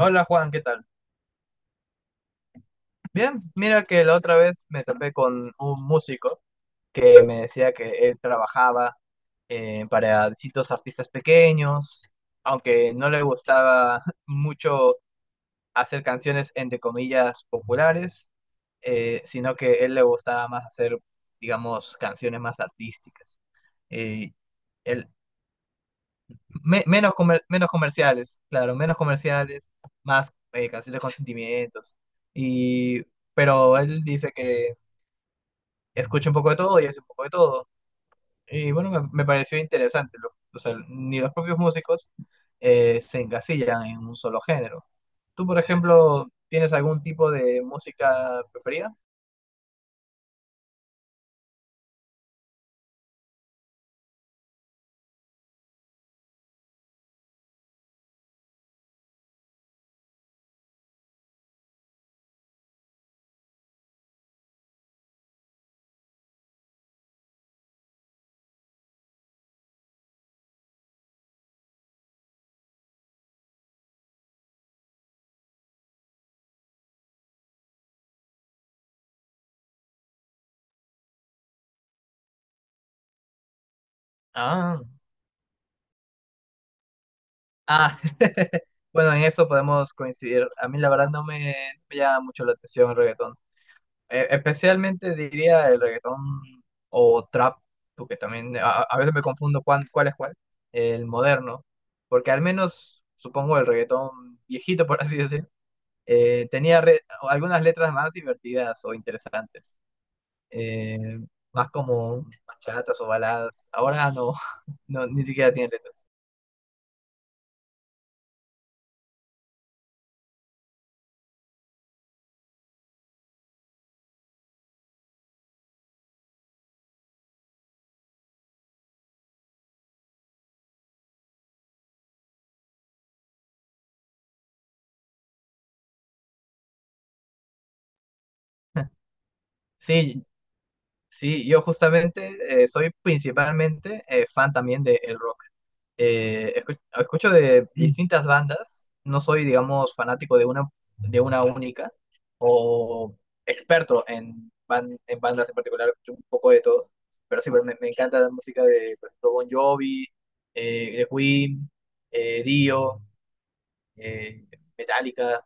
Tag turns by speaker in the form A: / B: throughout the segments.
A: Hola Juan, ¿qué tal? Bien, mira que la otra vez me topé con un músico que me decía que él trabajaba para distintos artistas pequeños, aunque no le gustaba mucho hacer canciones entre comillas populares, sino que él le gustaba más hacer, digamos, canciones más artísticas. Eh, él Menos, menos comerciales, claro, menos comerciales, más canciones con sentimientos. Y, pero él dice que escucha un poco de todo y hace un poco de todo. Y bueno, me pareció interesante. O sea, ni los propios músicos se encasillan en un solo género. ¿Tú, por ejemplo, tienes algún tipo de música preferida? Ah, ah, bueno, en eso podemos coincidir. A mí la verdad no me, me llama mucho la atención el reggaetón. Especialmente diría el reggaetón o trap, porque también a veces me confundo cuál es cuál, el moderno, porque al menos supongo el reggaetón viejito, por así decir, tenía algunas letras más divertidas o interesantes, eh, más como bachatas o baladas. Ahora no, no, ni siquiera tiene letras. Sí, sí, yo justamente soy principalmente fan también del rock. Escucho, de distintas bandas, no soy, digamos, fanático de una única o experto en, en bandas en particular, escucho un poco de todo, pero sí, pues, me encanta la música de, por ejemplo, Bon Jovi, de Queen, Dio, eh, Metallica,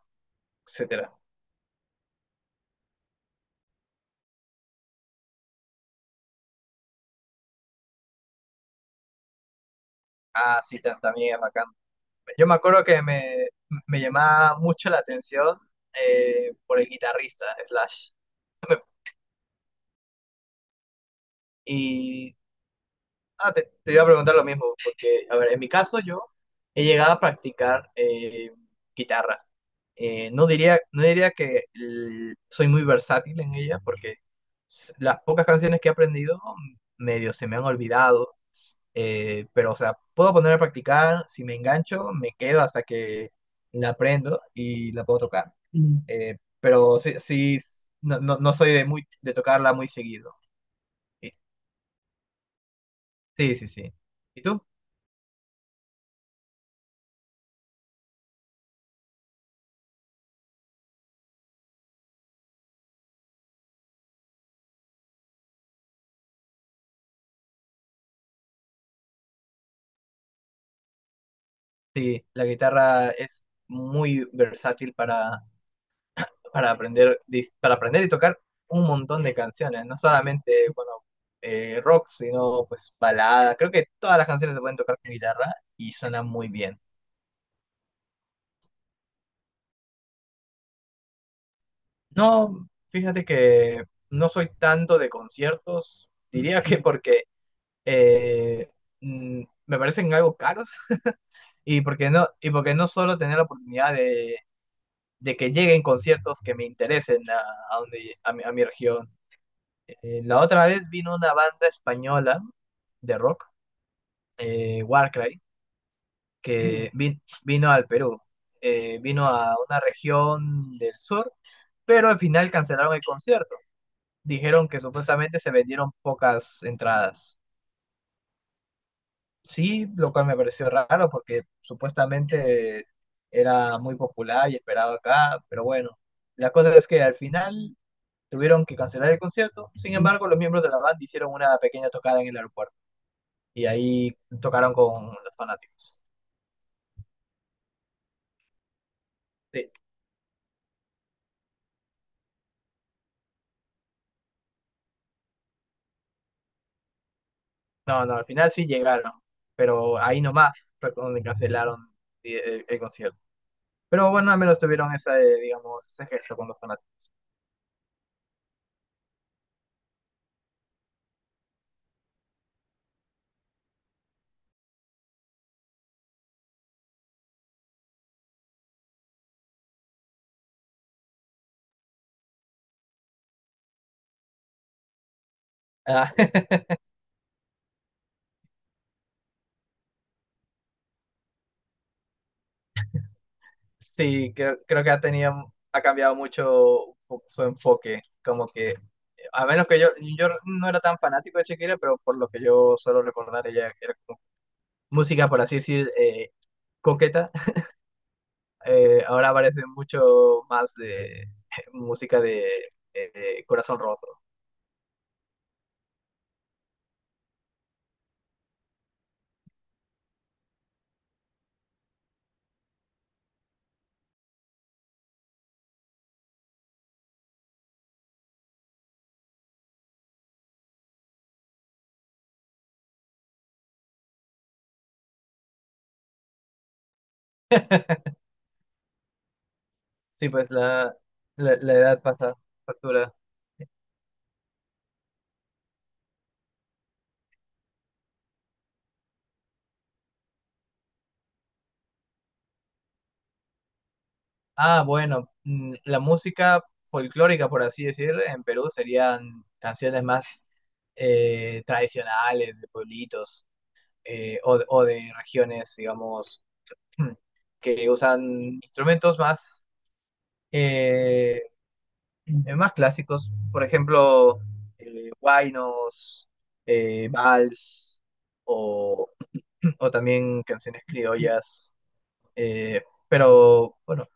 A: etcétera. Ah, sí, también es bacán. Yo me acuerdo que me llamaba mucho la atención por el guitarrista, Slash. Y Te iba a preguntar lo mismo, porque, a ver, en mi caso yo he llegado a practicar guitarra. No diría que soy muy versátil en ella, porque las pocas canciones que he aprendido medio se me han olvidado, pero, o sea, puedo poner a practicar, si me engancho, me quedo hasta que la aprendo y la puedo tocar. Mm. Pero sí, sí, no soy de, muy, de tocarla muy seguido. Sí, sí, sí. ¿Y tú? Sí, la guitarra es muy versátil para aprender, para aprender y tocar un montón de canciones, no solamente, bueno, rock, sino pues balada. Creo que todas las canciones se pueden tocar con guitarra y suena muy bien. No, fíjate que no soy tanto de conciertos, diría que porque eh, me parecen algo caros y porque no solo tener la oportunidad de que lleguen conciertos que me interesen a donde, a mi región. La otra vez vino una banda española de rock, Warcry, vino al Perú. Vino a una región del sur, pero al final cancelaron el concierto. Dijeron que supuestamente se vendieron pocas entradas. Sí, lo cual me pareció raro porque supuestamente era muy popular y esperado acá, pero bueno, la cosa es que al final tuvieron que cancelar el concierto. Sin embargo, los miembros de la banda hicieron una pequeña tocada en el aeropuerto, y ahí tocaron con los fanáticos. Sí. No, no, al final sí llegaron, pero ahí nomás fue donde cancelaron el concierto. Pero bueno, al menos tuvieron esa, digamos, ese gesto con los fanáticos. Ah, sí, creo que ha tenido, ha cambiado mucho su enfoque. Como que, a menos que yo no era tan fanático de Shakira, pero por lo que yo suelo recordar, ella era como música, por así decir, coqueta, ahora parece mucho más de música de corazón roto. Sí, pues la edad pasa factura. Ah, bueno, mm, la música folclórica, por así decir, en Perú serían canciones más tradicionales de pueblitos de o de regiones, digamos, que usan instrumentos más eh, más clásicos, por ejemplo, huaynos, vals, o, o también canciones criollas, pero bueno,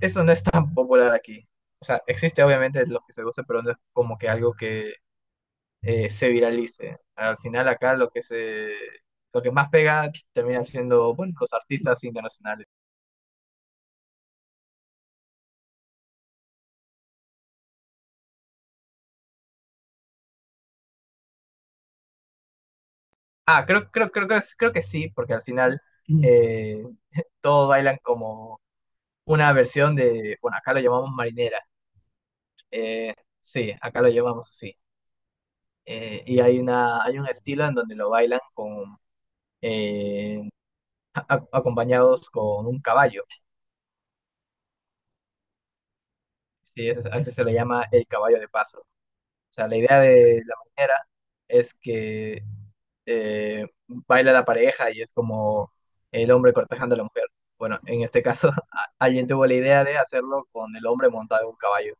A: eso no es tan popular aquí. O sea, existe obviamente los que se guste, pero no es como que algo que se viralice. Al final acá lo que se Lo que más pega termina siendo, bueno, los artistas internacionales. Ah, creo, creo, creo, creo, creo que sí, porque al final eh, todos bailan como una versión de, bueno, acá lo llamamos marinera. Eh, sí, acá lo llamamos así. Y hay una, hay un estilo en donde lo bailan con eh, acompañados con un caballo. Sí, a ese se le llama el caballo de paso. O sea, la idea de la marinera es que baila la pareja y es como el hombre cortejando a la mujer. Bueno, en este caso, alguien tuvo la idea de hacerlo con el hombre montado en un caballo.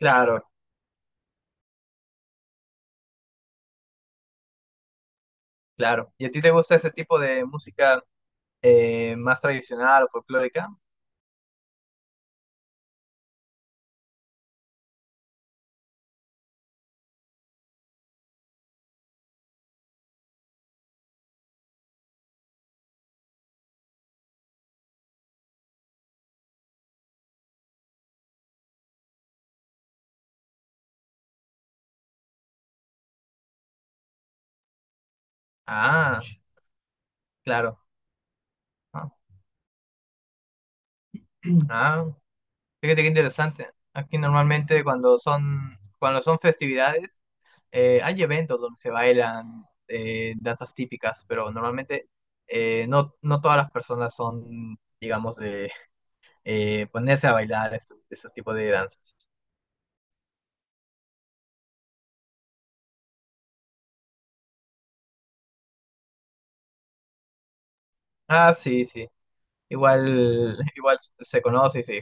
A: Claro, claro. ¿Y a ti te gusta ese tipo de música? Más tradicional o folclórica. Ah, claro. Ah, ah, fíjate qué interesante. Aquí normalmente cuando son festividades, hay eventos donde se bailan danzas típicas, pero normalmente no todas las personas son, digamos, de ponerse a bailar esos tipos de danzas. Ah, sí, sí. Igual, igual se conoce y se.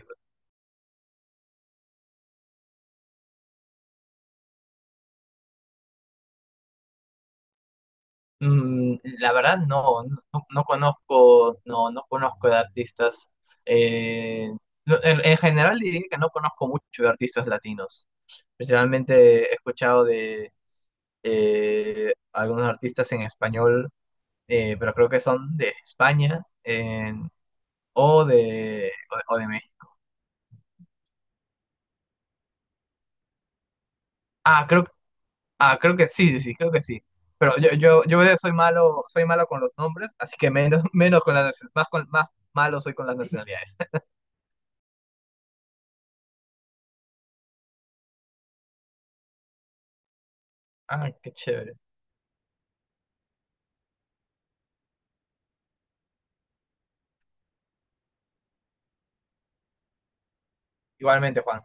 A: Mm, la verdad no, no conozco, no, no conozco de artistas. eh, no, en general diría que no conozco mucho de artistas latinos. Principalmente he escuchado de algunos artistas en español, pero creo que son de España o o de México. Ah, creo, ah, creo que sí, sí, sí, creo que sí. Pero yo soy malo con los nombres, así que menos, menos con las, más, con, más malo soy con las nacionalidades. Ah, qué chévere. Igualmente, Juan.